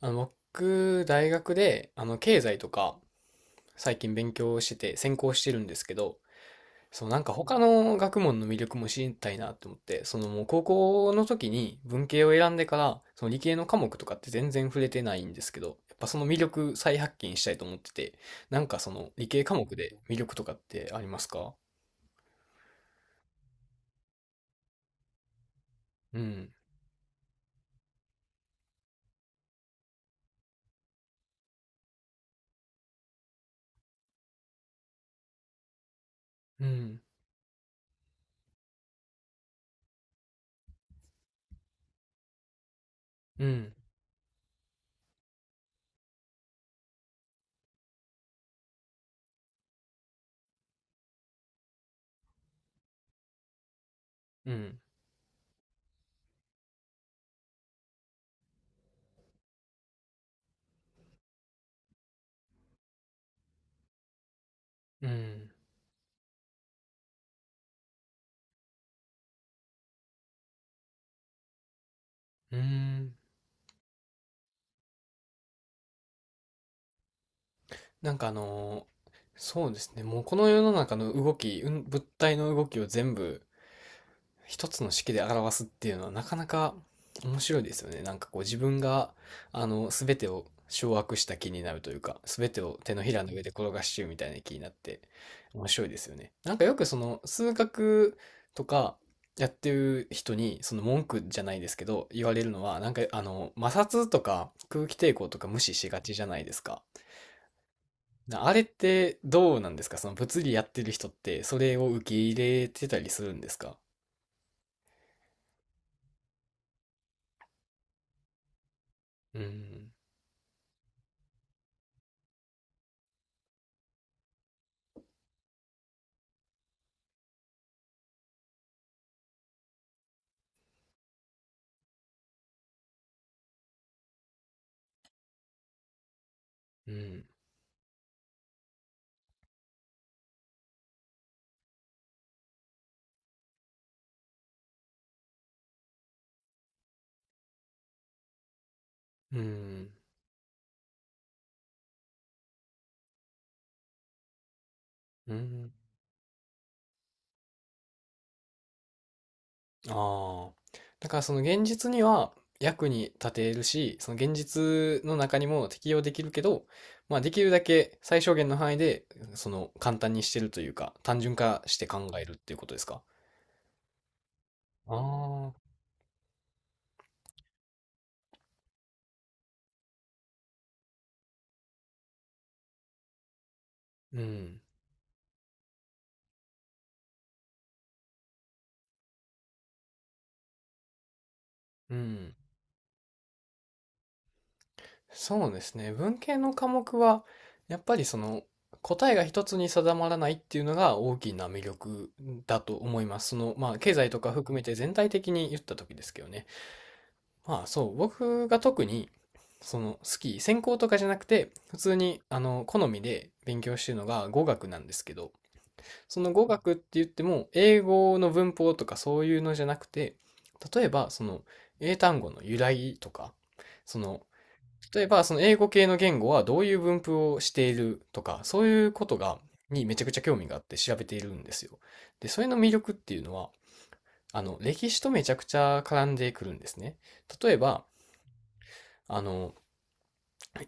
僕、大学で、経済とか、最近勉強してて、専攻してるんですけど、そう、なんか他の学問の魅力も知りたいなって思って、そのもう高校の時に文系を選んでから、その理系の科目とかって全然触れてないんですけど、やっぱその魅力再発見したいと思ってて、なんかその理系科目で魅力とかってありますか？うん、うん、うん、うん、うん、うん、なんかそうですね。もうこの世の中の動き、うん、物体の動きを全部一つの式で表すっていうのはなかなか面白いですよね。なんかこう自分が、すべてを掌握した気になるというか、すべてを手のひらの上で転がしちゅうみたいな気になって面白いですよね。なんかよくその数学とかやってる人に、その文句じゃないですけど、言われるのは、なんか摩擦とか空気抵抗とか無視しがちじゃないですか。なあれってどうなんですか？その物理やってる人ってそれを受け入れてたりするんですか？うん、うん、うん、うん。ああ。だからその現実には役に立てるし、その現実の中にも適用できるけど、まあできるだけ最小限の範囲で、その簡単にしてるというか、単純化して考えるっていうことですか？ああー、うん、うん。そうですね。文系の科目は、やっぱりその答えが一つに定まらないっていうのが大きな魅力だと思います。その、まあ、経済とか含めて全体的に言った時ですけどね。まあ、そう、僕が特に、その、専攻とかじゃなくて、普通に、好みで勉強してるのが語学なんですけど、その語学って言っても、英語の文法とかそういうのじゃなくて、例えば、その、英単語の由来とか、その、例えば、その英語系の言語はどういう分布をしているとか、そういうことが、にめちゃくちゃ興味があって調べているんですよ。で、それの魅力っていうのは、歴史とめちゃくちゃ絡んでくるんですね。例えば、あの、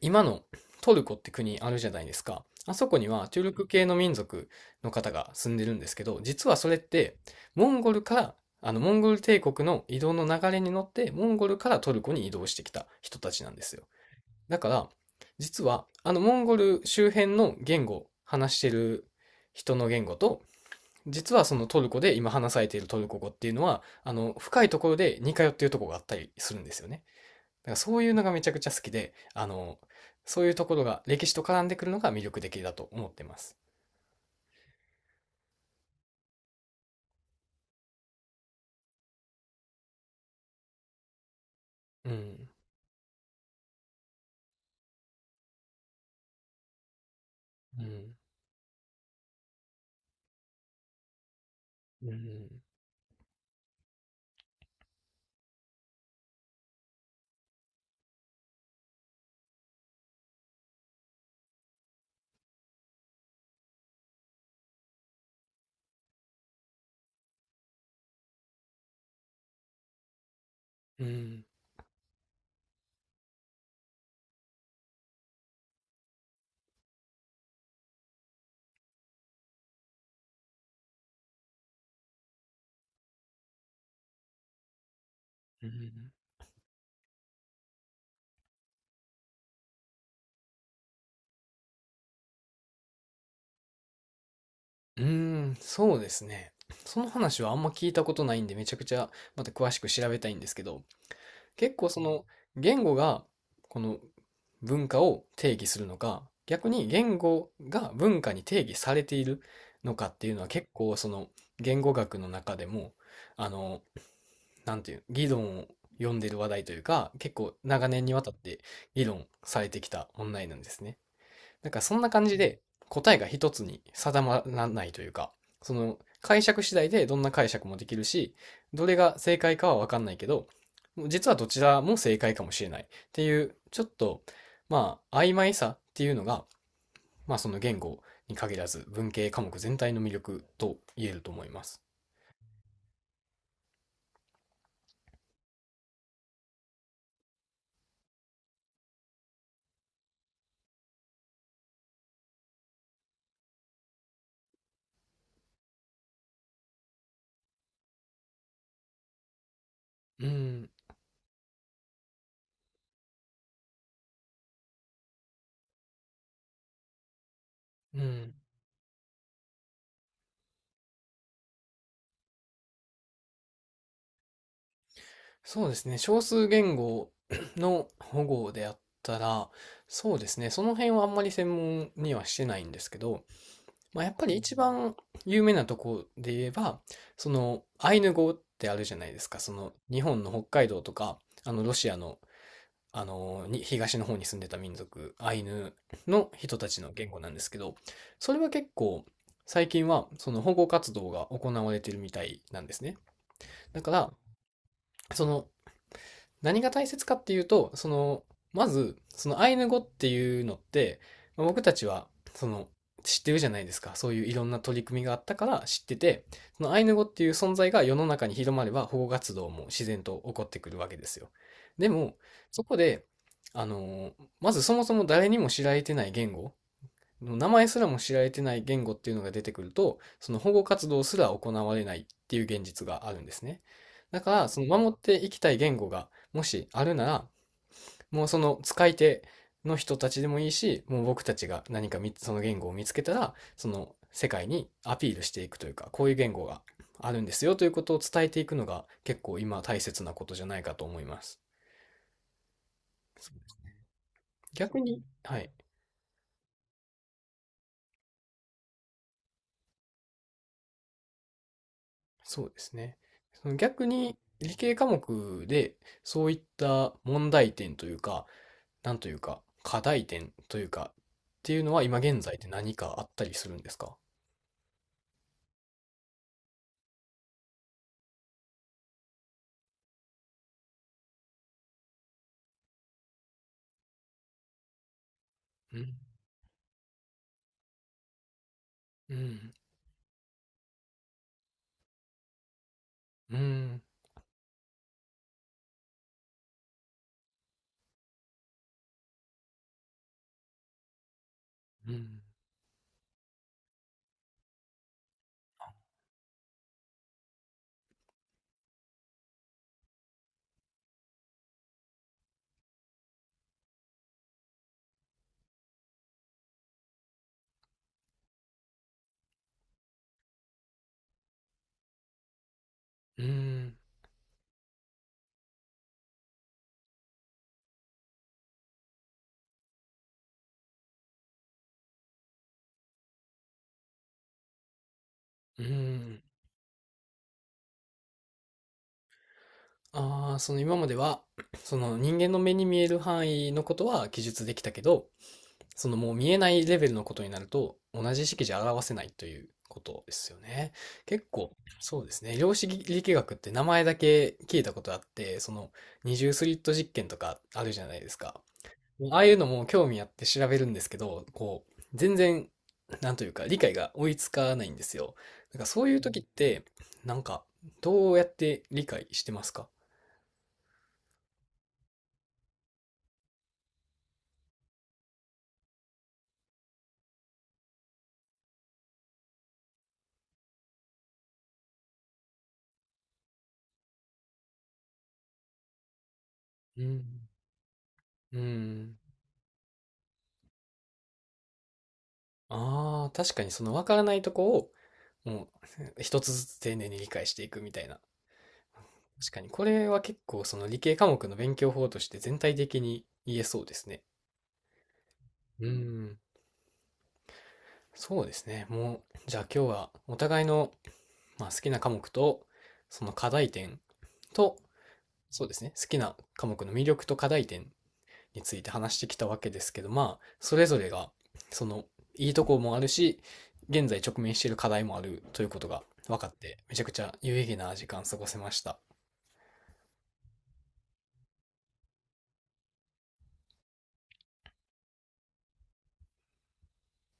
今のトルコって国あるじゃないですか。あそこにはトゥルク系の民族の方が住んでるんですけど、実はそれって、モンゴルから、モンゴル帝国の移動の流れに乗って、モンゴルからトルコに移動してきた人たちなんですよ。だから、実は、モンゴル周辺の言語、話してる人の言語と、実はそのトルコで今話されているトルコ語っていうのは、深いところで似通っているところがあったりするんですよね。だからそういうのがめちゃくちゃ好きで、そういうところが歴史と絡んでくるのが魅力的だと思ってます。うん、うん、うん、うん、うん、うん、そうですね。その話はあんま聞いたことないんで、めちゃくちゃまた詳しく調べたいんですけど、結構その言語がこの文化を定義するのか、逆に言語が文化に定義されているのかっていうのは結構その言語学の中でも、あの、なんていう、議論を呼んでる話題というか、結構長年にわたって議論されてきた問題なんですね。なんかそんな感じで答えが一つに定まらないというか、その解釈次第でどんな解釈もできるし、どれが正解かはわかんないけど、実はどちらも正解かもしれないっていう、ちょっと、まあ、曖昧さっていうのが、まあその言語に限らず文系科目全体の魅力と言えると思います。うん、うん。そうですね。少数言語 の保護であったら、そうですね。その辺はあんまり専門にはしてないんですけど、まあ、やっぱり一番有名なとこで言えば、そのアイヌ語ってあるじゃないですか。その日本の北海道とか、あのロシアの、あのに東の方に住んでた民族、アイヌの人たちの言語なんですけど、それは結構最近はその保護活動が行われているみたいなんですね。だから、その何が大切かっていうと、その、まず、そのアイヌ語っていうのって、まあ僕たちは、その、知ってるじゃないですか。そういういろんな取り組みがあったから知ってて、そのアイヌ語っていう存在が世の中に広まれば保護活動も自然と起こってくるわけですよ。でも、そこで、あの、まずそもそも誰にも知られてない言語、名前すらも知られてない言語っていうのが出てくると、その保護活動すら行われないっていう現実があるんですね。だから、その守っていきたい言語がもしあるなら、もうその使い手の人たちでもいいし、もう僕たちが何かみその言語を見つけたら、その世界にアピールしていくというか、こういう言語があるんですよということを伝えていくのが結構今大切なことじゃないかと思います。逆に、はい。そうですね。その逆に理系科目でそういった問題点というか、なんというか、課題点というか、っていうのは今現在で何かあったりするんですか？うん、うん、うん、うん、うん、うん。ああ、その今までは、その人間の目に見える範囲のことは記述できたけど、そのもう見えないレベルのことになると、同じ式じゃ表せないということですよね。結構、そうですね。量子力学って名前だけ聞いたことあって、その二重スリット実験とかあるじゃないですか。ああいうのも興味あって調べるんですけど、こう、全然、なんというか、理解が追いつかないんですよ。だからそういう時って、なんか、どうやって理解してますか？うん。うん。ああ、確かにその分からないとこを、もう 一つずつ丁寧に理解していくみたいな。確かにこれは結構その理系科目の勉強法として全体的に言えそうですね。うーん、そうですね。もう、じゃあ今日はお互いの、まあ、好きな科目と、その課題点と、そうですね、好きな科目の魅力と課題点について話してきたわけですけど、まあ、それぞれが、その、いいとこもあるし、現在直面している課題もあるということが分かって、めちゃくちゃ有意義な時間過ごせました。